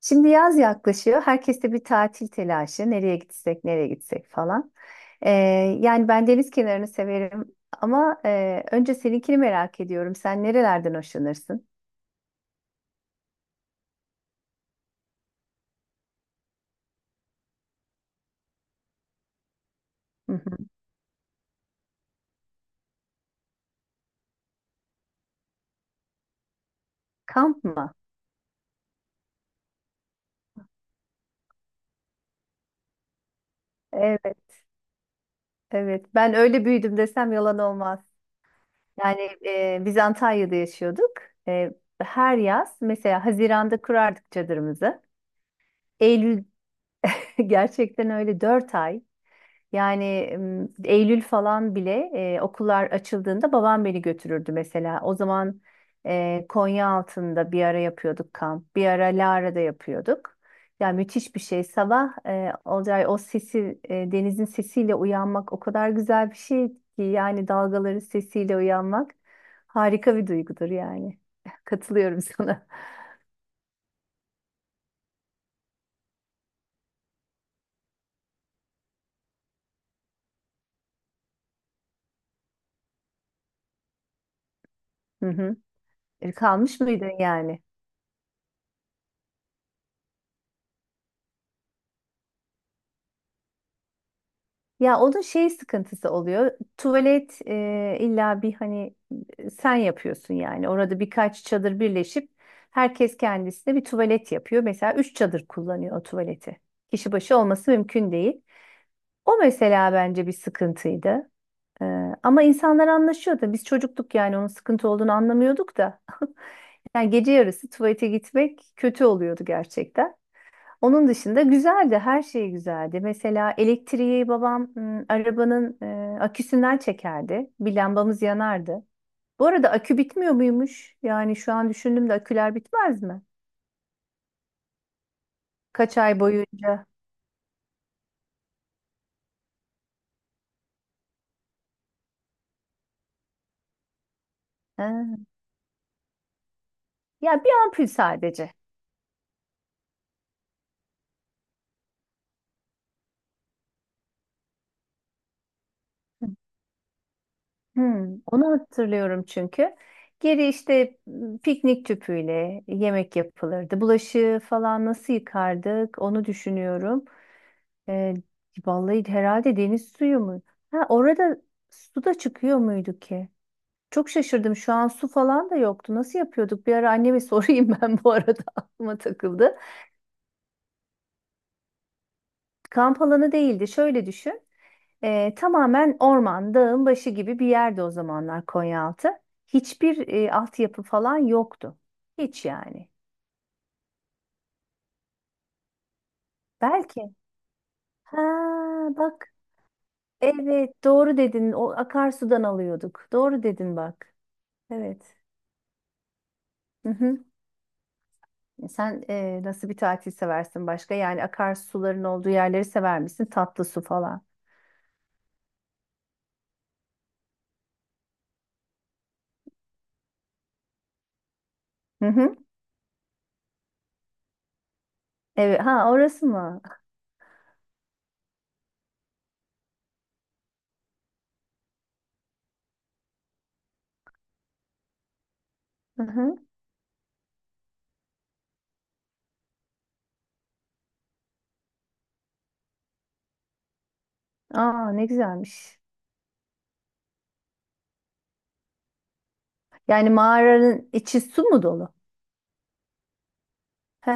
Şimdi yaz yaklaşıyor. Herkeste bir tatil telaşı. Nereye gitsek, nereye gitsek falan. Ee, yani ben deniz kenarını severim ama önce seninkini merak ediyorum. Sen nerelerden hoşlanırsın? Hı hı. Kamp mı? Evet, evet. Ben öyle büyüdüm desem yalan olmaz. Yani biz Antalya'da yaşıyorduk. E, her yaz mesela Haziran'da kurardık çadırımızı. Eylül gerçekten öyle 4 ay. Yani Eylül falan bile okullar açıldığında babam beni götürürdü mesela. O zaman Konya altında bir ara yapıyorduk kamp, bir ara Lara'da yapıyorduk. Ya müthiş bir şey. Sabah Olcay o sesi, denizin sesiyle uyanmak o kadar güzel bir şey ki yani dalgaların sesiyle uyanmak harika bir duygudur yani. Katılıyorum sana. Hı hı. Kalmış mıydın yani? Ya onun şey sıkıntısı oluyor. Tuvalet illa bir hani sen yapıyorsun yani. Orada birkaç çadır birleşip herkes kendisine bir tuvalet yapıyor. Mesela üç çadır kullanıyor o tuvaleti. Kişi başı olması mümkün değil. O mesela bence bir sıkıntıydı. E, ama insanlar anlaşıyordu. Biz çocuktuk yani onun sıkıntı olduğunu anlamıyorduk da. Yani gece yarısı tuvalete gitmek kötü oluyordu gerçekten. Onun dışında güzeldi, her şey güzeldi. Mesela elektriği babam arabanın aküsünden çekerdi. Bir lambamız yanardı. Bu arada akü bitmiyor muymuş? Yani şu an düşündüm de aküler bitmez mi? Kaç ay boyunca? Ha. Ya bir ampul sadece. Onu hatırlıyorum çünkü. Geri işte piknik tüpüyle yemek yapılırdı. Bulaşığı falan nasıl yıkardık onu düşünüyorum. Ee, vallahi herhalde deniz suyu mu? Ha, orada su da çıkıyor muydu ki? Çok şaşırdım. Şu an su falan da yoktu. Nasıl yapıyorduk? Bir ara anneme sorayım ben bu arada aklıma takıldı. Kamp alanı değildi. Şöyle düşün. Tamamen orman, dağın başı gibi bir yerde o zamanlar Konyaaltı. Hiçbir altyapı falan yoktu. Hiç yani. Belki. Ha bak. Evet doğru dedin. O akarsudan alıyorduk. Doğru dedin bak. Evet. Hı. Sen nasıl bir tatil seversin başka? Yani akarsuların olduğu yerleri sever misin? Tatlı su falan. Hı hı. Evet. Ha orası mı? Hı hı. Aa ne güzelmiş. Yani mağaranın içi su mu dolu? He.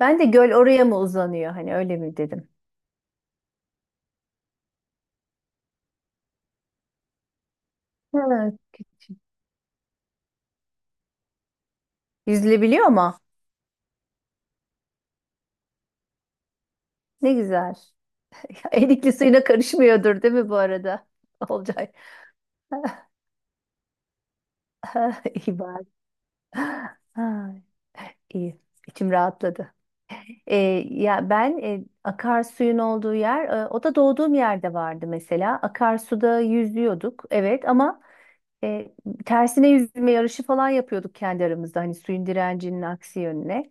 Ben de göl oraya mı uzanıyor? Hani öyle mi dedim. Evet. Yüzülebiliyor mu? Ne güzel. Erikli suyuna karışmıyordur değil mi bu arada? Olcay. İyi bari. Ha, iyi. İçim rahatladı. E, ya ben akarsuyun olduğu yer, o da doğduğum yerde vardı mesela. Akarsuda yüzüyorduk, evet ama e, tersine yüzme yarışı falan yapıyorduk kendi aramızda, hani suyun direncinin aksi yönüne.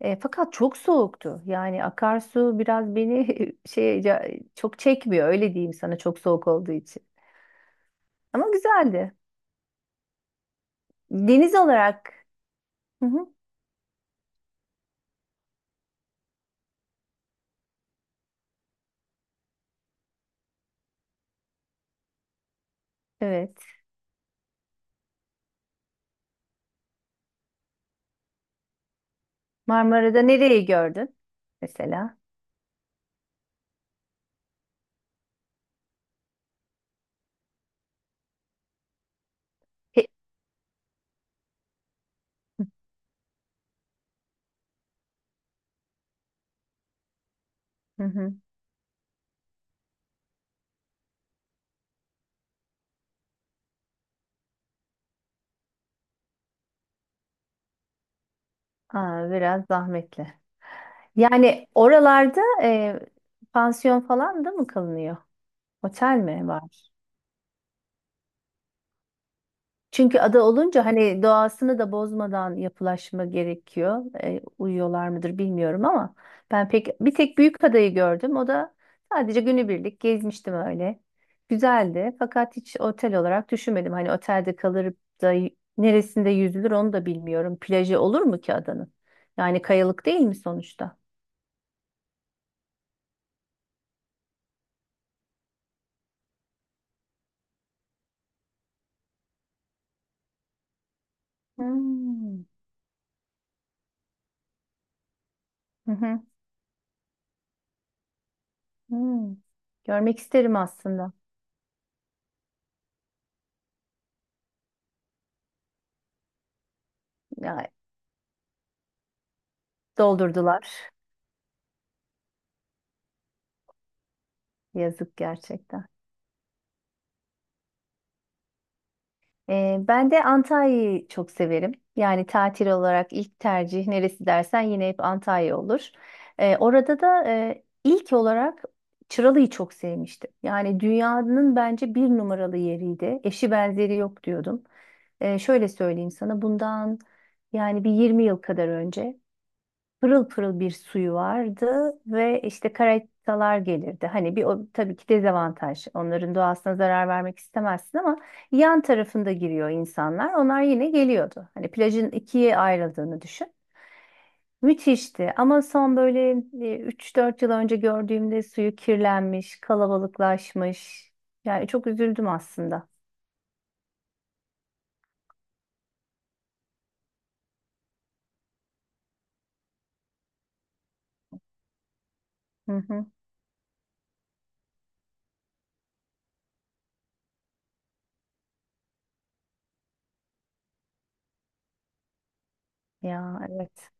Fakat çok soğuktu. Yani akarsu biraz beni çok çekmiyor, öyle diyeyim sana çok soğuk olduğu için. Ama güzeldi. Deniz olarak, hı hı, evet. Marmara'da nereyi gördün mesela? He- Hı hı. Aa, biraz zahmetli. Yani oralarda pansiyon falan da mı kalınıyor? Otel mi var? Çünkü ada olunca hani doğasını da bozmadan yapılaşma gerekiyor. Uyuyorlar mıdır bilmiyorum ama ben pek bir tek büyük adayı gördüm. O da sadece günübirlik gezmiştim öyle. Güzeldi fakat hiç otel olarak düşünmedim. Hani otelde kalır da neresinde yüzülür onu da bilmiyorum. Plajı olur mu ki adanın? Yani kayalık değil mi sonuçta? Hmm. Hı hı. Hmm, Görmek isterim aslında. Ya, doldurdular. Yazık gerçekten. Ben de Antalya'yı çok severim. Yani tatil olarak ilk tercih neresi dersen yine hep Antalya olur. Orada da ilk olarak Çıralı'yı çok sevmiştim. Yani dünyanın bence bir numaralı yeriydi. Eşi benzeri yok diyordum. Şöyle söyleyeyim sana bundan yani bir 20 yıl kadar önce. Pırıl pırıl bir suyu vardı ve işte karatalar gelirdi. Hani bir o tabii ki dezavantaj. Onların doğasına zarar vermek istemezsin ama yan tarafında giriyor insanlar. Onlar yine geliyordu. Hani plajın ikiye ayrıldığını düşün. Müthişti ama son böyle 3-4 yıl önce gördüğümde suyu kirlenmiş, kalabalıklaşmış. Yani çok üzüldüm aslında. Hı hı. Ya evet.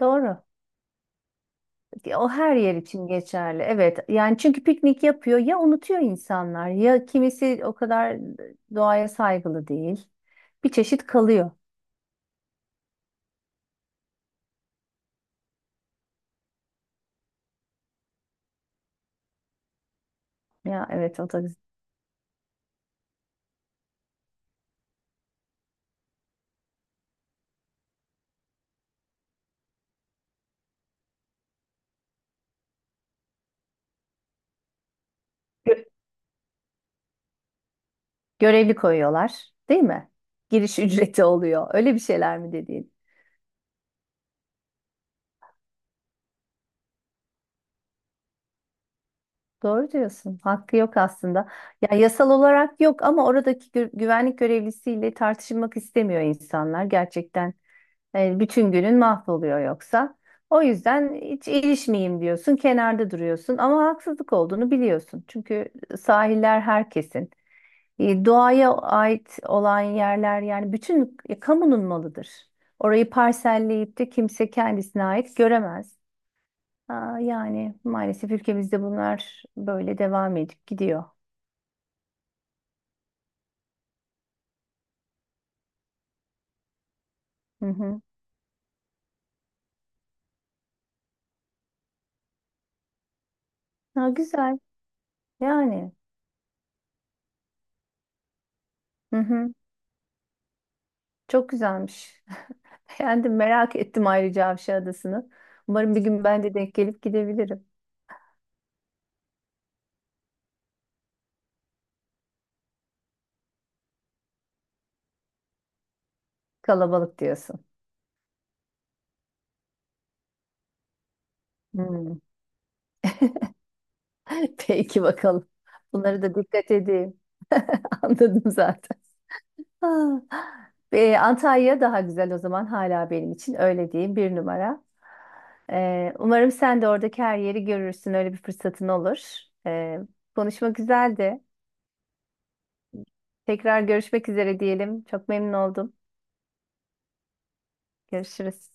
Doğru. Ya o her yer için geçerli. Evet. Yani çünkü piknik yapıyor ya unutuyor insanlar ya kimisi o kadar doğaya saygılı değil. Bir çeşit kalıyor. Ya evet o da gö- görevli koyuyorlar, değil mi? Giriş ücreti oluyor. Öyle bir şeyler mi dediğin? Doğru diyorsun. Hakkı yok aslında. Ya yasal olarak yok ama oradaki güvenlik görevlisiyle tartışmak istemiyor insanlar gerçekten. Bütün günün mahvoluyor yoksa. O yüzden hiç ilişmeyeyim diyorsun, kenarda duruyorsun ama haksızlık olduğunu biliyorsun. Çünkü sahiller herkesin. Doğaya ait olan yerler yani bütün kamunun malıdır. Orayı parselleyip de kimse kendisine ait göremez. Aa, yani maalesef ülkemizde bunlar böyle devam edip gidiyor. Hı hı. Ha, güzel yani. Hı hı. Çok güzelmiş. Beğendim. Merak ettim ayrıca Avşa Adası'nı. Umarım bir gün ben de denk gelip gidebilirim. Kalabalık diyorsun. Hmm. Peki bakalım. Bunları da dikkat edeyim. Anladım zaten. Ha. Antalya daha güzel o zaman hala benim için öyle diyeyim bir numara. Umarım sen de oradaki her yeri görürsün. Öyle bir fırsatın olur. Ee, konuşma güzeldi. Tekrar görüşmek üzere diyelim. Çok memnun oldum. Görüşürüz.